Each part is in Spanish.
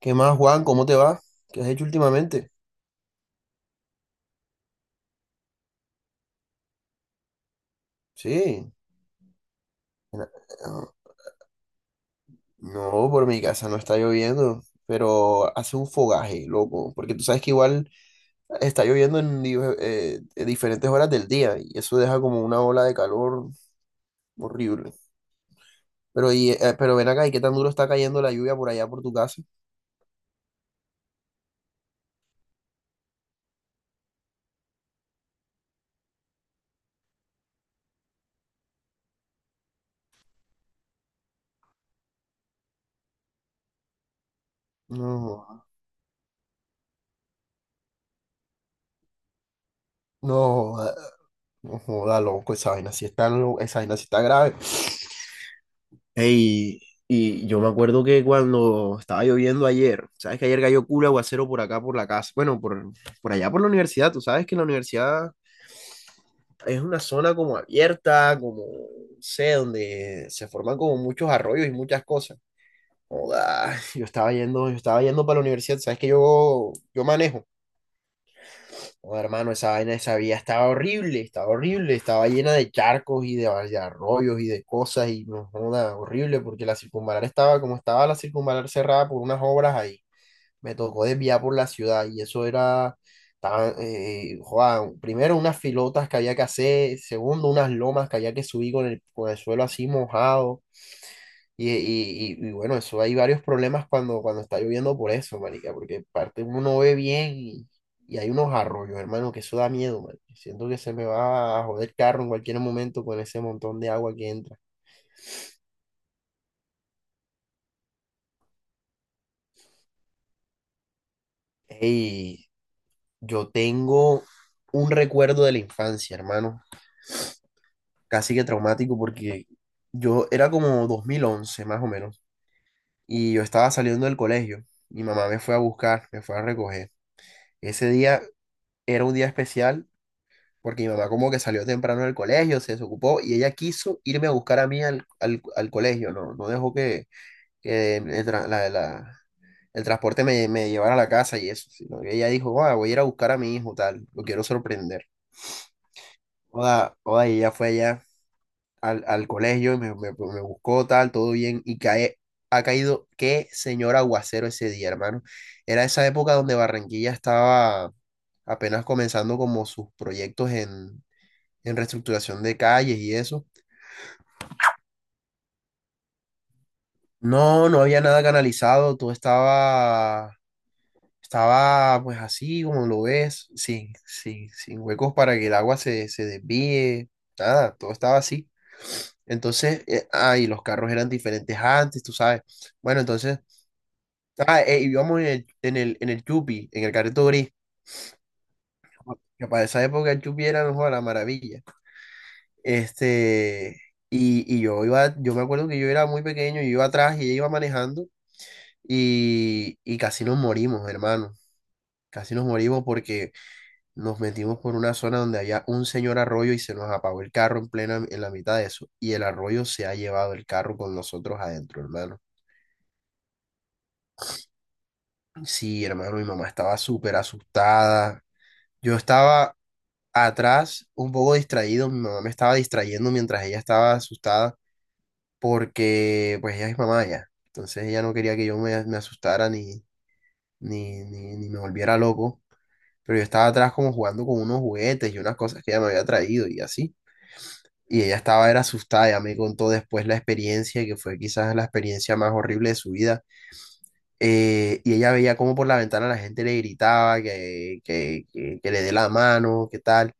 ¿Qué más, Juan? ¿Cómo te va? ¿Qué has hecho últimamente? Sí. ah, No, por mi casa no está lloviendo, pero hace un fogaje, loco, porque tú sabes que igual está lloviendo en diferentes horas del día y eso deja como una ola de calor horrible. Pero ven acá, ¿y qué tan duro está cayendo la lluvia por allá por tu casa? No, no, joda, no joda, loco, esa vaina sí está grave. Ey, y yo me acuerdo que cuando estaba lloviendo ayer, sabes que ayer cayó culo aguacero por acá, por la casa, por allá, por la universidad, tú sabes que la universidad es una zona como abierta, como, no sé, donde se forman como muchos arroyos y muchas cosas. Joda, yo estaba yendo para la universidad, sabes que yo manejo. Oh, hermano, esa vaina, esa vía estaba horrible, estaba horrible, estaba llena de charcos y de arroyos y de cosas y no joda, horrible porque la circunvalar estaba como estaba la circunvalar cerrada por unas obras ahí. Me tocó desviar por la ciudad y joda, primero unas filotas que había que hacer, segundo unas lomas que había que subir con el suelo así mojado. Bueno, eso hay varios problemas cuando está lloviendo por eso, marica, porque parte uno no ve bien y hay unos arroyos, hermano, que eso da miedo, man. Siento que se me va a joder el carro en cualquier momento con ese montón de agua que entra. Ey, yo tengo un recuerdo de la infancia, hermano, casi que traumático porque yo era como 2011 más o menos y yo estaba saliendo del colegio. Mi mamá me fue a buscar, me fue a recoger. Ese día era un día especial porque mi mamá como que salió temprano del colegio, se desocupó y ella quiso irme a buscar a mí al colegio, no, no dejó que, que el, tra- la- la- el transporte me llevara a la casa y eso, sino que ella dijo: "Ah, voy a ir a buscar a mi hijo, tal, lo quiero sorprender". Oda, oda, y ella fue allá al colegio, y me buscó, tal, todo bien, ha caído, qué señor aguacero ese día, hermano. Era esa época donde Barranquilla estaba apenas comenzando como sus proyectos en reestructuración de calles y eso. No, no había nada canalizado, estaba pues así como lo ves, sin huecos para que el agua se desvíe, nada, todo estaba así. Y los carros eran diferentes antes, tú sabes. Bueno, entonces, Íbamos en el Yupi, en el carrito gris, que para esa época el Yupi era mejor la maravilla. Este, y yo iba, yo me acuerdo que yo era muy pequeño, yo iba atrás y ella iba manejando. Casi nos morimos, hermano. Casi nos morimos porque nos metimos por una zona donde había un señor arroyo y se nos apagó el carro en en la mitad de eso. Y el arroyo se ha llevado el carro con nosotros adentro, hermano. Sí, hermano, mi mamá estaba súper asustada. Yo estaba atrás, un poco distraído. Mi mamá me estaba distrayendo mientras ella estaba asustada porque, pues, ella es mamá ya. Entonces ella no quería que me asustara ni me volviera loco. Pero yo estaba atrás como jugando con unos juguetes y unas cosas que ella me había traído y así. Era asustada, ella me contó después la experiencia, que fue quizás la experiencia más horrible de su vida. Y ella veía como por la ventana la gente le gritaba que le dé la mano, que tal.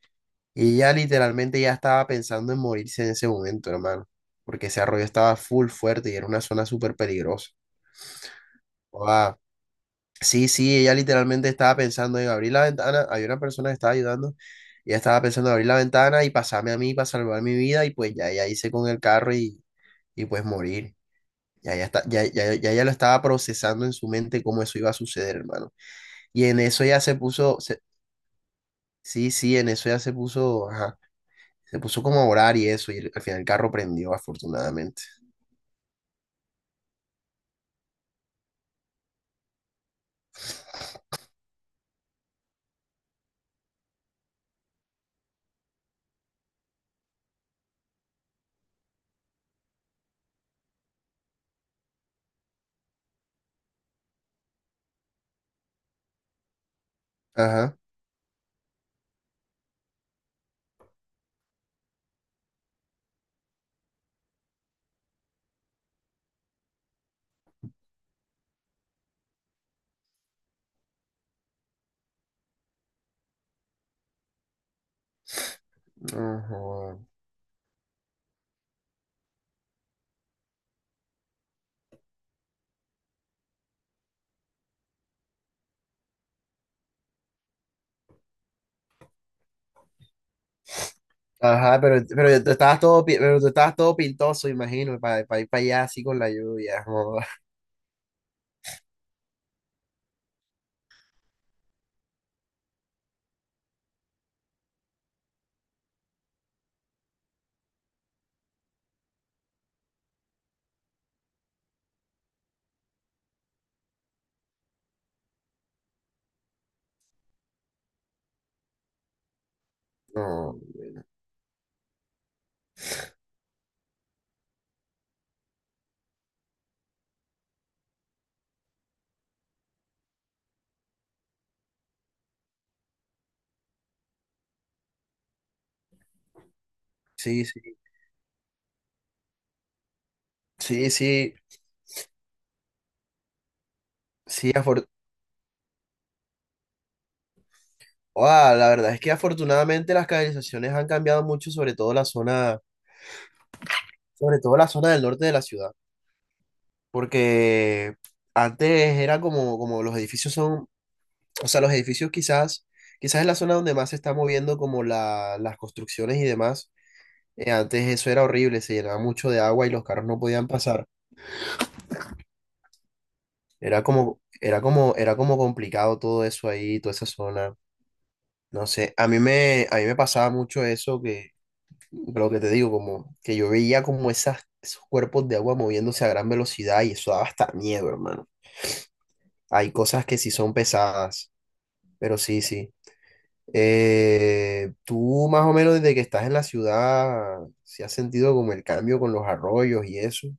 Y ella literalmente ya estaba pensando en morirse en ese momento, hermano, porque ese arroyo estaba full fuerte y era una zona súper peligrosa. Sí, sí, ella literalmente estaba pensando en abrir la ventana. Había una persona que estaba ayudando. Ella estaba pensando en abrir la ventana y pasarme a mí para salvar mi vida. Y pues ya ella hice con el carro y pues morir. Ya ella, está, ya, ya, Ya ella lo estaba procesando en su mente cómo eso iba a suceder, hermano. Y en eso ya se puso, se- Sí, sí, en eso ya se puso, ajá, se puso como a orar y eso. Y al final el carro prendió, afortunadamente. Ajá. Ajá. Ajá, pero tú estabas todo pintoso, imagino, para ir para allá así con la lluvia. Joda. No, sí, sí, sí, sí, sí, afor- Ah, la verdad es que afortunadamente las canalizaciones han cambiado mucho, sobre todo la zona del norte de la ciudad, porque antes era como, como los edificios son, o sea, quizás es la zona donde más se está moviendo como las construcciones y demás. Antes eso era horrible, se llenaba mucho de agua y los carros no podían pasar. Era como complicado todo eso ahí, toda esa zona. No sé, a mí me pasaba mucho eso que, lo que te digo, como que yo veía como esos cuerpos de agua moviéndose a gran velocidad y eso daba hasta miedo, hermano. Hay cosas que sí son pesadas, pero sí, sí. Tú más o menos desde que estás en la ciudad, ¿si has sentido como el cambio con los arroyos y eso?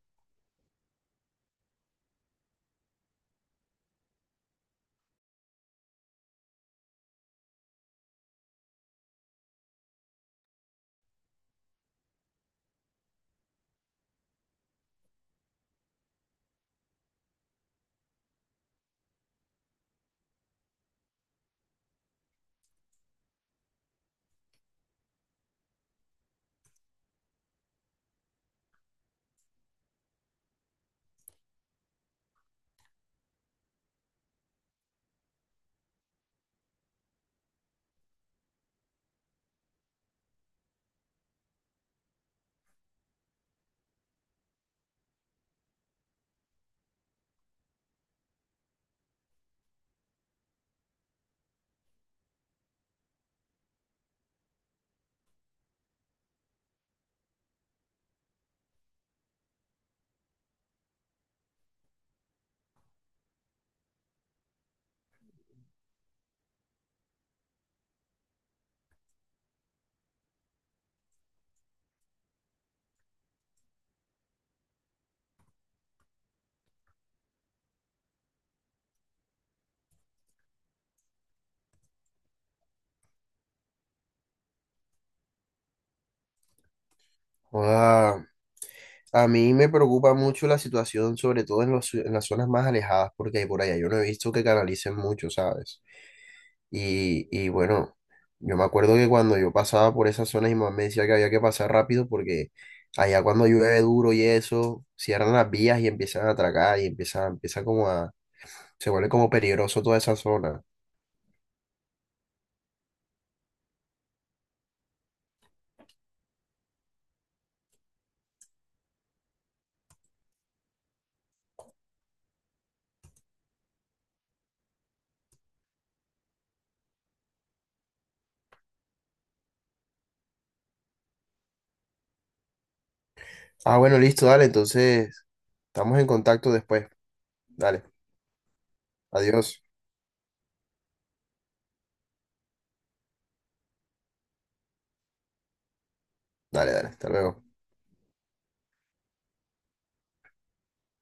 Joda, a mí me preocupa mucho la situación, sobre todo en las zonas más alejadas, porque por allá yo no he visto que canalicen mucho, ¿sabes? Y bueno, yo me acuerdo que cuando yo pasaba por esas zonas y mamá me decía que había que pasar rápido porque allá cuando llueve duro y eso, cierran las vías y empiezan a atracar empieza como a, se vuelve como peligroso toda esa zona. Ah, bueno, listo, dale, entonces estamos en contacto después. Dale, adiós. Dale, dale, hasta luego.